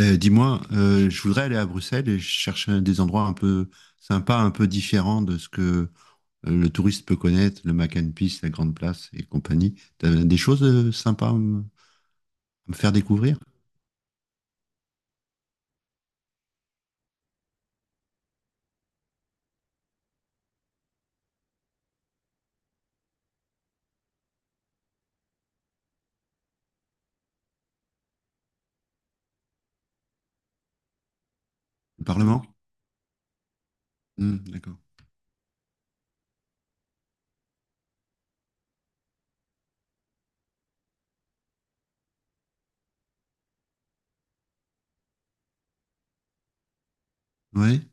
Je voudrais aller à Bruxelles et je cherche des endroits un peu sympas, un peu différents de ce que le touriste peut connaître, le Mac and Peace, la Grande Place et compagnie. T'as des choses sympas à à me faire découvrir? Le Parlement? Hmm, d'accord. Oui.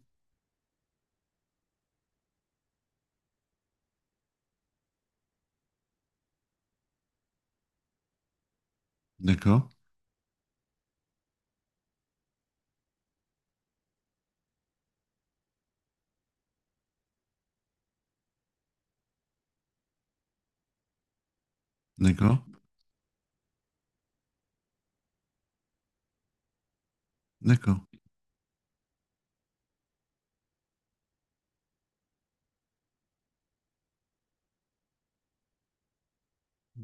D'accord, d'accord, d'accord,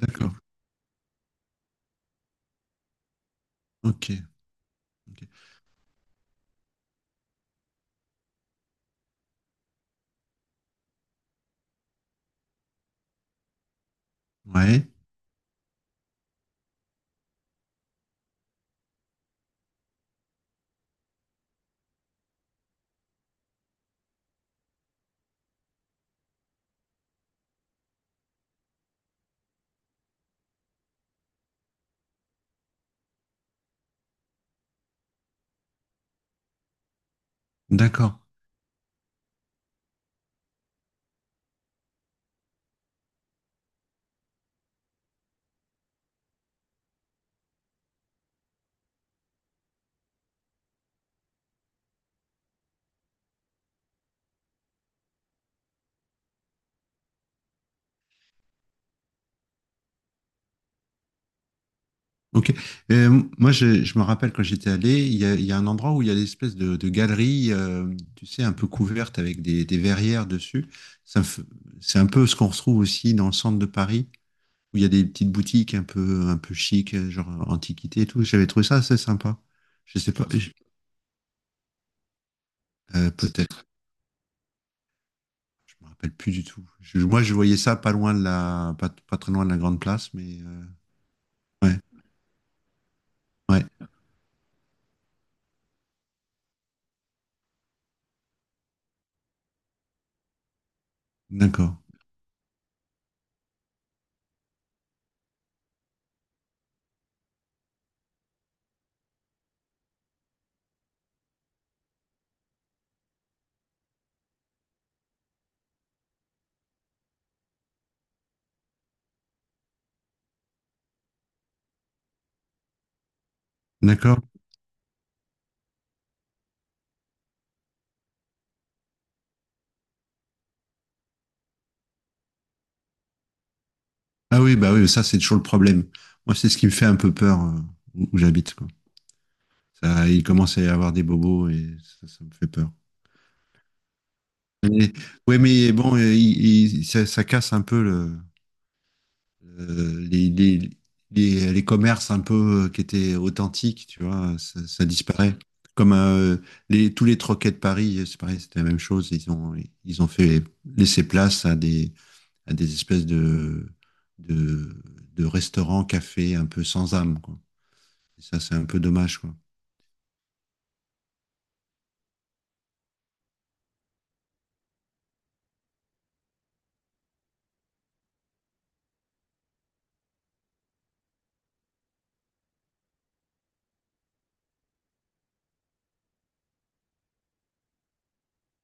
d'accord. Ok, ok. Ouais, d'accord. Ok. Moi, je me rappelle quand j'étais allé, il y a un endroit où il y a des espèces de galeries, tu sais, un peu couvertes avec des verrières dessus. Ça me f- C'est un peu ce qu'on retrouve aussi dans le centre de Paris, où il y a des petites boutiques un peu chic, genre antiquité et tout. J'avais trouvé ça assez sympa. Je sais pas, peut-être, je me rappelle plus du tout. Moi, je voyais ça pas loin de la, pas, pas très loin de la Grande Place, mais ouais, ouais, d'accord, d'accord. Ah oui, bah oui, ça c'est toujours le problème. Moi, c'est ce qui me fait un peu peur où, où j'habite, quoi. Ça, il commence à y avoir des bobos et ça me fait peur. Mais, ouais, mais bon, ça, ça casse un peu le, euh, les, les, les commerces un peu qui étaient authentiques, tu vois, ça disparaît. Comme les, tous les troquets de Paris, c'est pareil, c'était la même chose. Ils ont fait laisser place à des espèces de, de restaurants, cafés un peu sans âme, quoi. Et ça, c'est un peu dommage, quoi.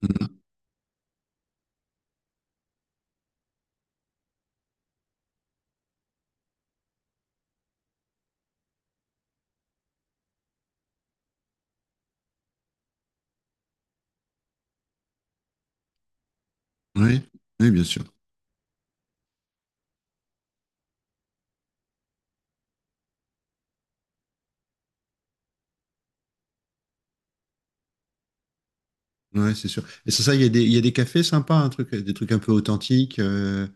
Mhm. Oui, oui, bien sûr. Ouais, c'est sûr. Et c'est ça, il y a des, il y a des cafés sympas, un truc, des trucs un peu authentiques. euh,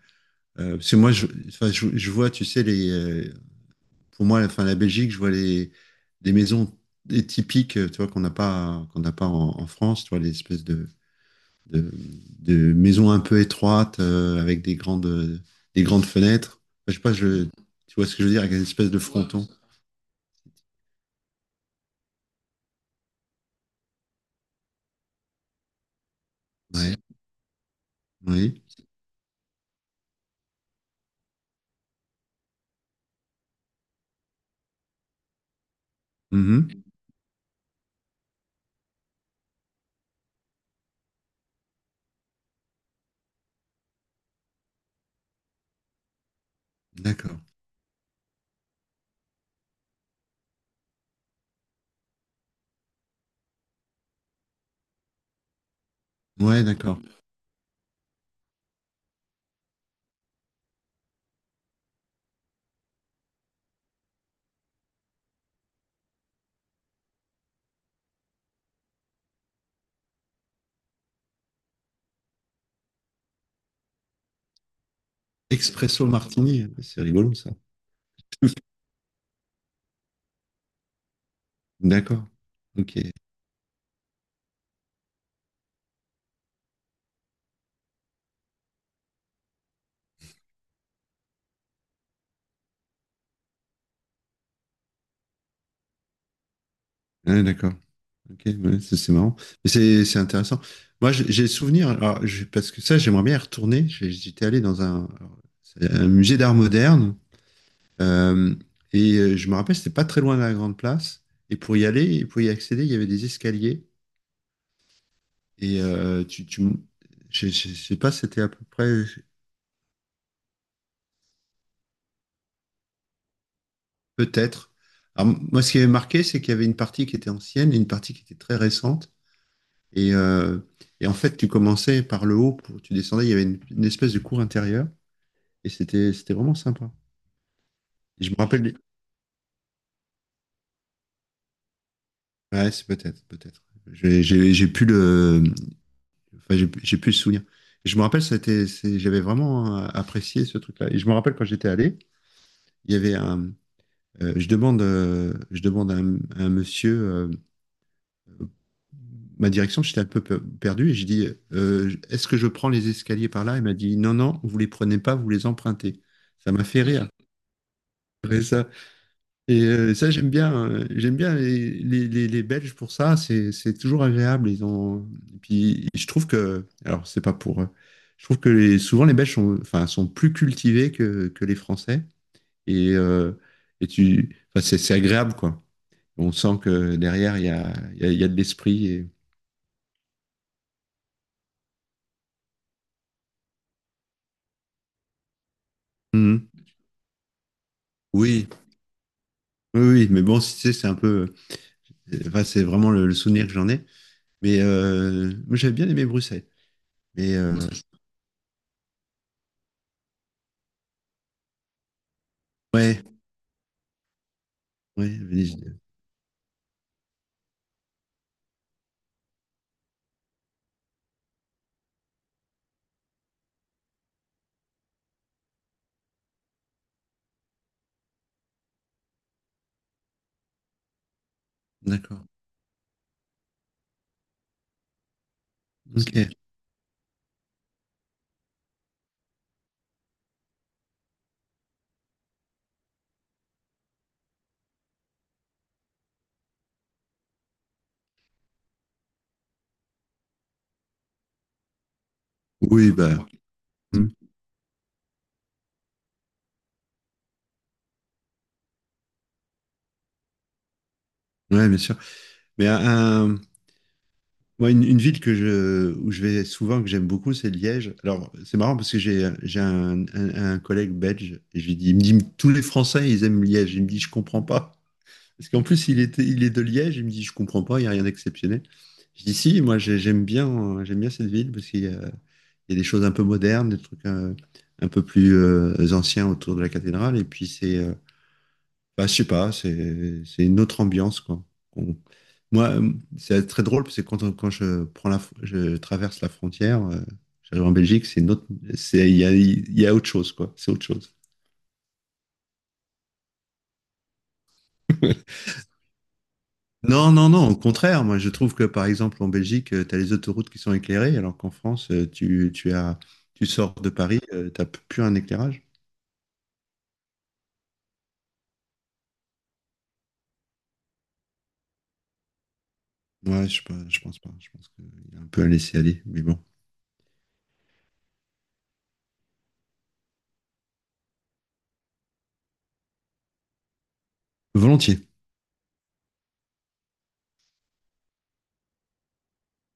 euh, Parce que moi, enfin, je vois, tu sais, pour moi, enfin, la Belgique, je vois les, des maisons des typiques, tu vois, qu'on n'a pas en, en France, tu vois, les espèces de, de maisons un peu étroites avec des grandes fenêtres. Enfin, je sais pas, tu vois ce que je veux dire, avec une espèce de fronton. Ouais. Oui. Mhm. D'accord. Ouais, d'accord. Expresso Martini, c'est rigolo ça. D'accord. Ok. Ouais, d'accord. Ok, ouais, c'est marrant. Mais c'est intéressant. Moi, j'ai souvenir, alors, parce que ça, j'aimerais bien y retourner. J'étais allé dans un, alors, c'est un musée d'art moderne euh, et je me rappelle, c'était pas très loin de la Grande Place. Et pour y aller, et pour y accéder, il y avait des escaliers. Et je sais pas, c'était à peu près, peut-être. Alors, moi, ce qui m'avait marqué, c'est qu'il y avait une partie qui était ancienne et une partie qui était très récente. Et, euh, et en fait, tu commençais par le haut, tu descendais, il y avait une espèce de cour intérieure, et c'était vraiment sympa. Et je me rappelle, ouais, c'est peut-être, peut-être. J'ai plus le, enfin, j'ai plus le souvenir. Et je me rappelle, j'avais vraiment apprécié ce truc-là. Et je me rappelle quand j'étais allé, il y avait un, je demande à un monsieur, ma direction, j'étais un peu perdu et j'ai dit Est-ce que je prends les escaliers par là? » Elle m'a dit « Non, non, vous les prenez pas, vous les empruntez. » Ça m'a fait rire. Après ça. Et ça, j'aime bien les, les Belges pour ça, c'est toujours agréable. Ils ont... Et puis, je trouve que, alors, c'est pas pour. Je trouve que souvent les Belges sont, enfin, sont plus cultivés que les Français. Et, euh, et tu, enfin, c'est agréable, quoi. On sent que derrière, il y a de l'esprit. Mhm. Oui, Oui, oui, mais bon, si tu sais, c'est un peu. Enfin, c'est vraiment le souvenir que j'en ai. Mais moi, j'avais bien aimé Bruxelles. Mais ouais, ouais, Venise. D'accord. Ok. Oui, bah. Hmm. Ouais, bien sûr. Mais un- un- Moi, une ville que où je vais souvent, que j'aime beaucoup, c'est Liège. Alors, c'est marrant parce que j'ai un, un collègue belge. Et je lui dis, il me dit, tous les Français, ils aiment Liège. Il me dit, je comprends pas. Parce qu'en plus, il était, il est de Liège, il me dit, je comprends pas, il n'y a rien d'exceptionnel. Je dis, si, j'aime bien cette ville parce qu'il y a, il y a des choses un peu modernes, des trucs un peu plus anciens autour de la cathédrale. Et puis c'est, bah, je sais pas, c'est une autre ambiance, quoi. On- Moi, c'est très drôle parce que quand je prends je traverse la frontière, j'arrive en Belgique, c'est une autre, c'est, il y a autre chose, quoi. C'est autre chose. Non, non, non, au contraire, moi je trouve que par exemple en Belgique, tu as les autoroutes qui sont éclairées, alors qu'en France, tu as, tu sors de Paris, plus un éclairage. Ouais, sais pas, je pense pas. Je pense qu'il a un peu à laisser aller, mais bon. Volontiers.